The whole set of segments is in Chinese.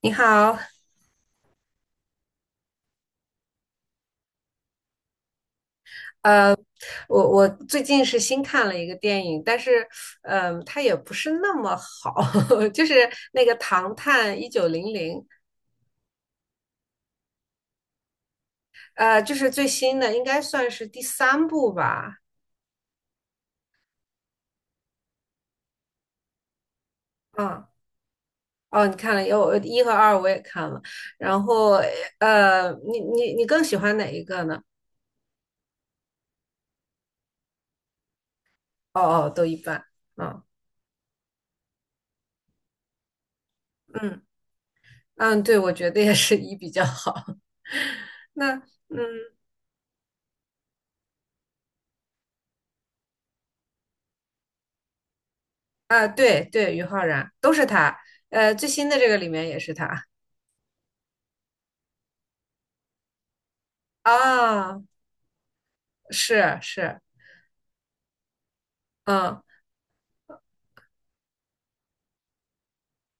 你好，我最近是新看了一个电影，但是，它也不是那么好，就是那个《唐探一九零零》，就是最新的，应该算是第三部吧。嗯，哦，你看了，有一和二我也看了，然后，你更喜欢哪一个呢？哦哦，都一般。嗯嗯嗯，对，我觉得也是一比较好。那嗯啊，对对，于浩然都是他，最新的这个里面也是他。啊，是是，嗯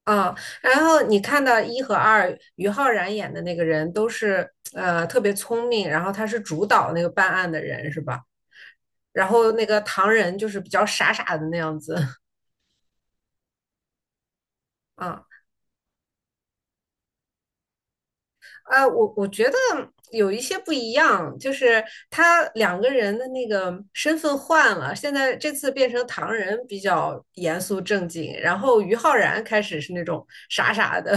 嗯，然后你看到一和二，于浩然演的那个人都是特别聪明，然后他是主导那个办案的人是吧？然后那个唐人就是比较傻傻的那样子，啊啊，我觉得有一些不一样，就是他两个人的那个身份换了，现在这次变成唐人比较严肃正经，然后于浩然开始是那种傻傻的，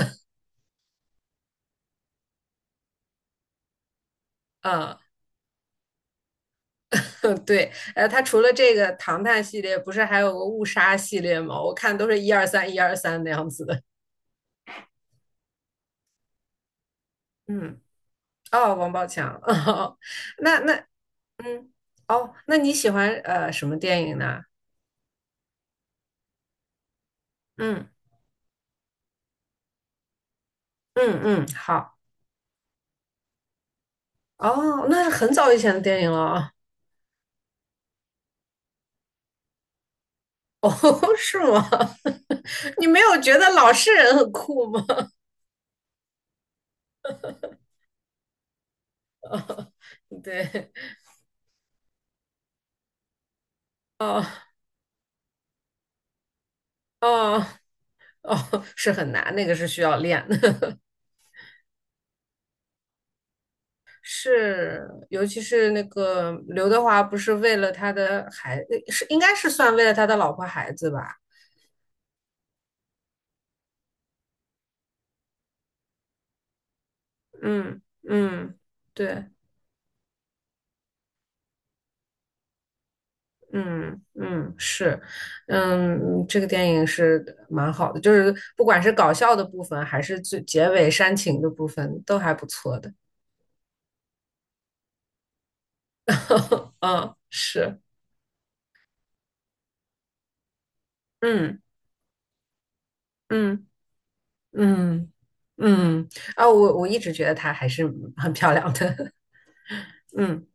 嗯 对，它除了这个唐探系列，不是还有个误杀系列吗？我看都是一二三一二三那样子的。嗯，哦，王宝强，哦，那那嗯，哦，那你喜欢什么电影呢？嗯嗯嗯，好，哦，那是很早以前的电影了啊。哦，是吗？你没有觉得老实人很酷吗？对，哦哦哦，是很难，那个是需要练的。是，尤其是那个刘德华，不是为了他的孩，是应该是算为了他的老婆孩子吧？嗯嗯，对，嗯嗯是，这个电影是蛮好的，就是不管是搞笑的部分，还是最结尾煽情的部分，都还不错的。嗯，是，嗯嗯嗯嗯，我一直觉得她还是很漂亮的。嗯。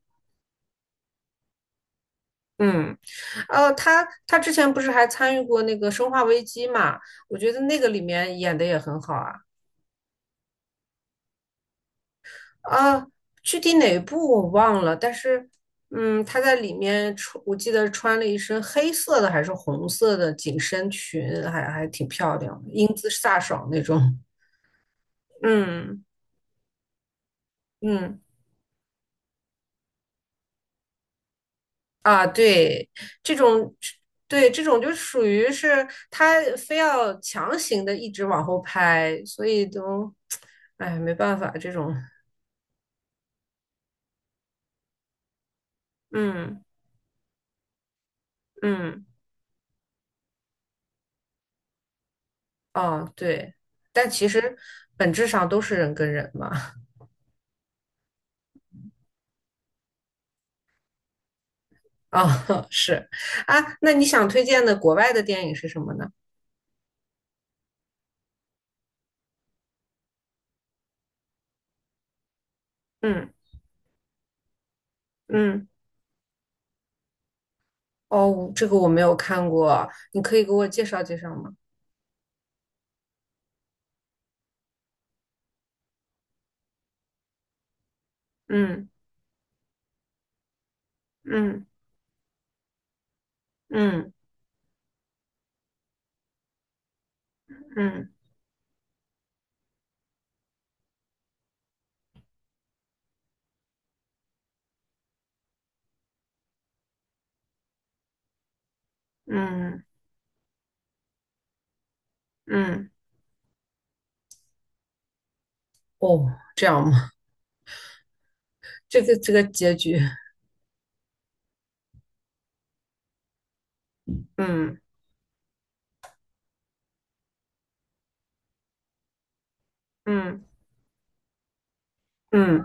嗯，他之前不是还参与过那个《生化危机》嘛？我觉得那个里面演的也很好啊。啊，具体哪部我忘了，但是，他在里面穿，我记得穿了一身黑色的还是红色的紧身裙，还挺漂亮的英姿飒爽那种。嗯嗯。啊，对，这种，对，这种就属于是他非要强行的一直往后拍，所以都，哎，没办法，嗯嗯，哦，对，但其实本质上都是人跟人嘛。啊、哦，是啊，那你想推荐的国外的电影是什么呢？嗯嗯，哦，这个我没有看过，你可以给我介绍介绍吗？嗯嗯嗯嗯嗯嗯，哦，这个结局。嗯嗯嗯，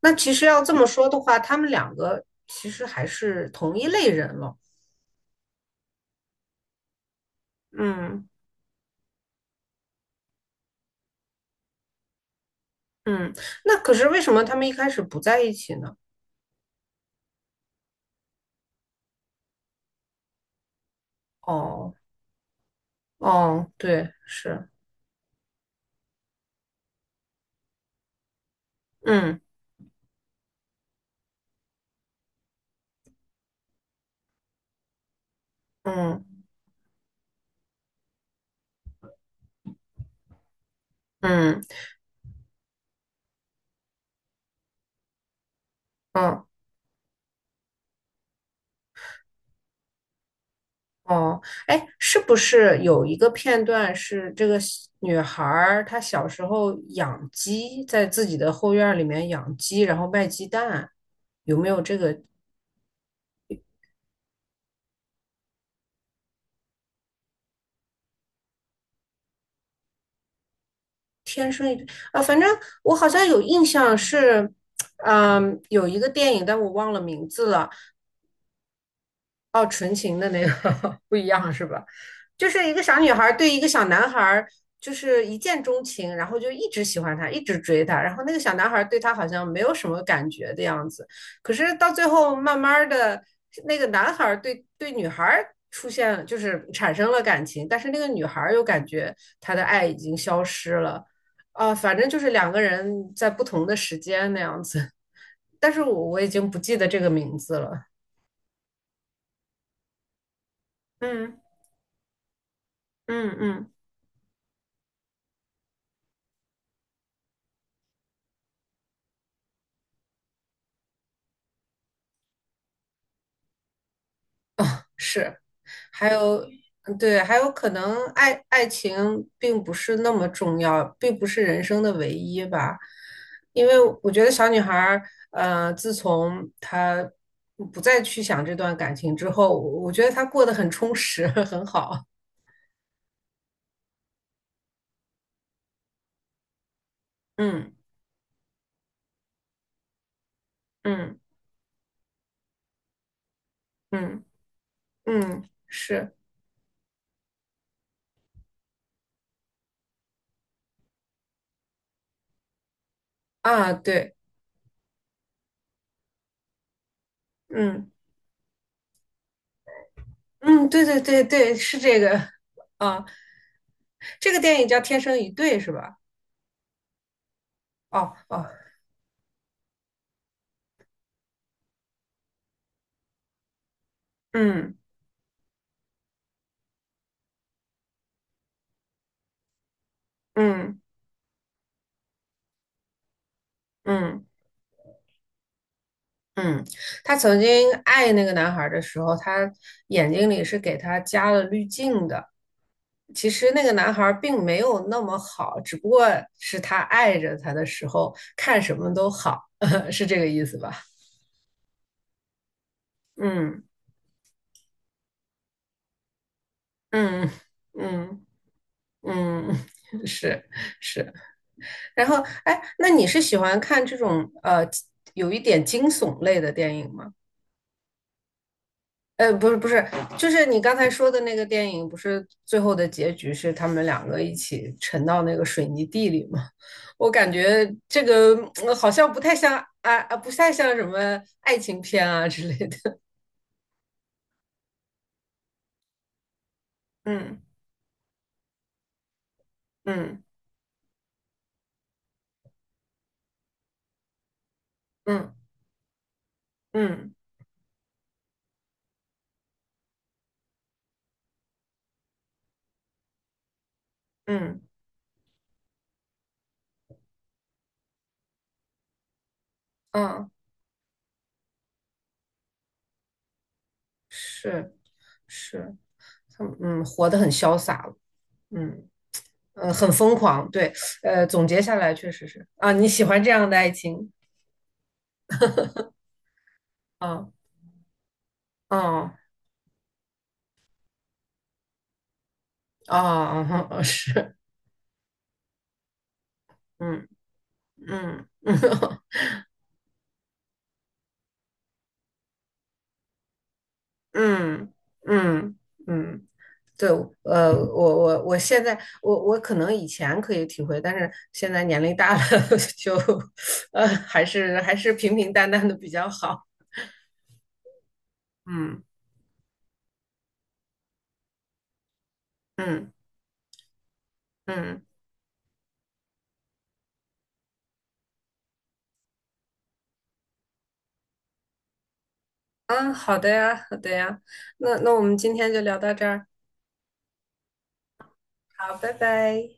那其实要这么说的话，他们两个其实还是同一类人了。嗯嗯，那可是为什么他们一开始不在一起呢？哦哦，对，是，嗯嗯嗯嗯哦，哎，是不是有一个片段是这个小女孩儿她小时候养鸡，在自己的后院儿里面养鸡，然后卖鸡蛋，有没有这个天生一点啊，反正我好像有印象是，有一个电影，但我忘了名字了。哦，纯情的那个 不一样是吧？就是一个小女孩对一个小男孩就是一见钟情，然后就一直喜欢他，一直追他，然后那个小男孩对她好像没有什么感觉的样子，可是到最后慢慢的，那个男孩对女孩。出现就是产生了感情，但是那个女孩又感觉她的爱已经消失了，啊、反正就是两个人在不同的时间那样子，但是我已经不记得这个名字了。嗯嗯嗯。是，还有，对，还有可能爱情并不是那么重要，并不是人生的唯一吧。因为我觉得小女孩儿，自从她不再去想这段感情之后，我觉得她过得很充实，很好。嗯嗯嗯嗯，是啊，对，嗯嗯，对对对对，是这个啊，这个电影叫《天生一对》是吧？哦哦，嗯嗯。嗯嗯，她曾经爱那个男孩的时候，她眼睛里是给他加了滤镜的。其实那个男孩并没有那么好，只不过是她爱着他的时候，看什么都好，是这个意思吧？嗯嗯嗯嗯，是是。然后，哎，那你是喜欢看这种有一点惊悚类的电影吗？不是不是，就是你刚才说的那个电影，不是最后的结局是他们两个一起沉到那个水泥地里吗？我感觉这个好像不太像啊啊，不太像什么爱情片啊之类的。嗯嗯嗯嗯嗯嗯，是是，他们活得很潇洒了，嗯很疯狂，对，总结下来确实是啊，你喜欢这样的爱情啊啊啊啊，哦是。嗯嗯嗯 嗯嗯嗯，对，我现在我可能以前可以体会，但是现在年龄大了 就，还是平平淡淡的比较好。嗯嗯嗯，啊，好的呀，好的呀，那我们今天就聊到这儿，好，拜拜。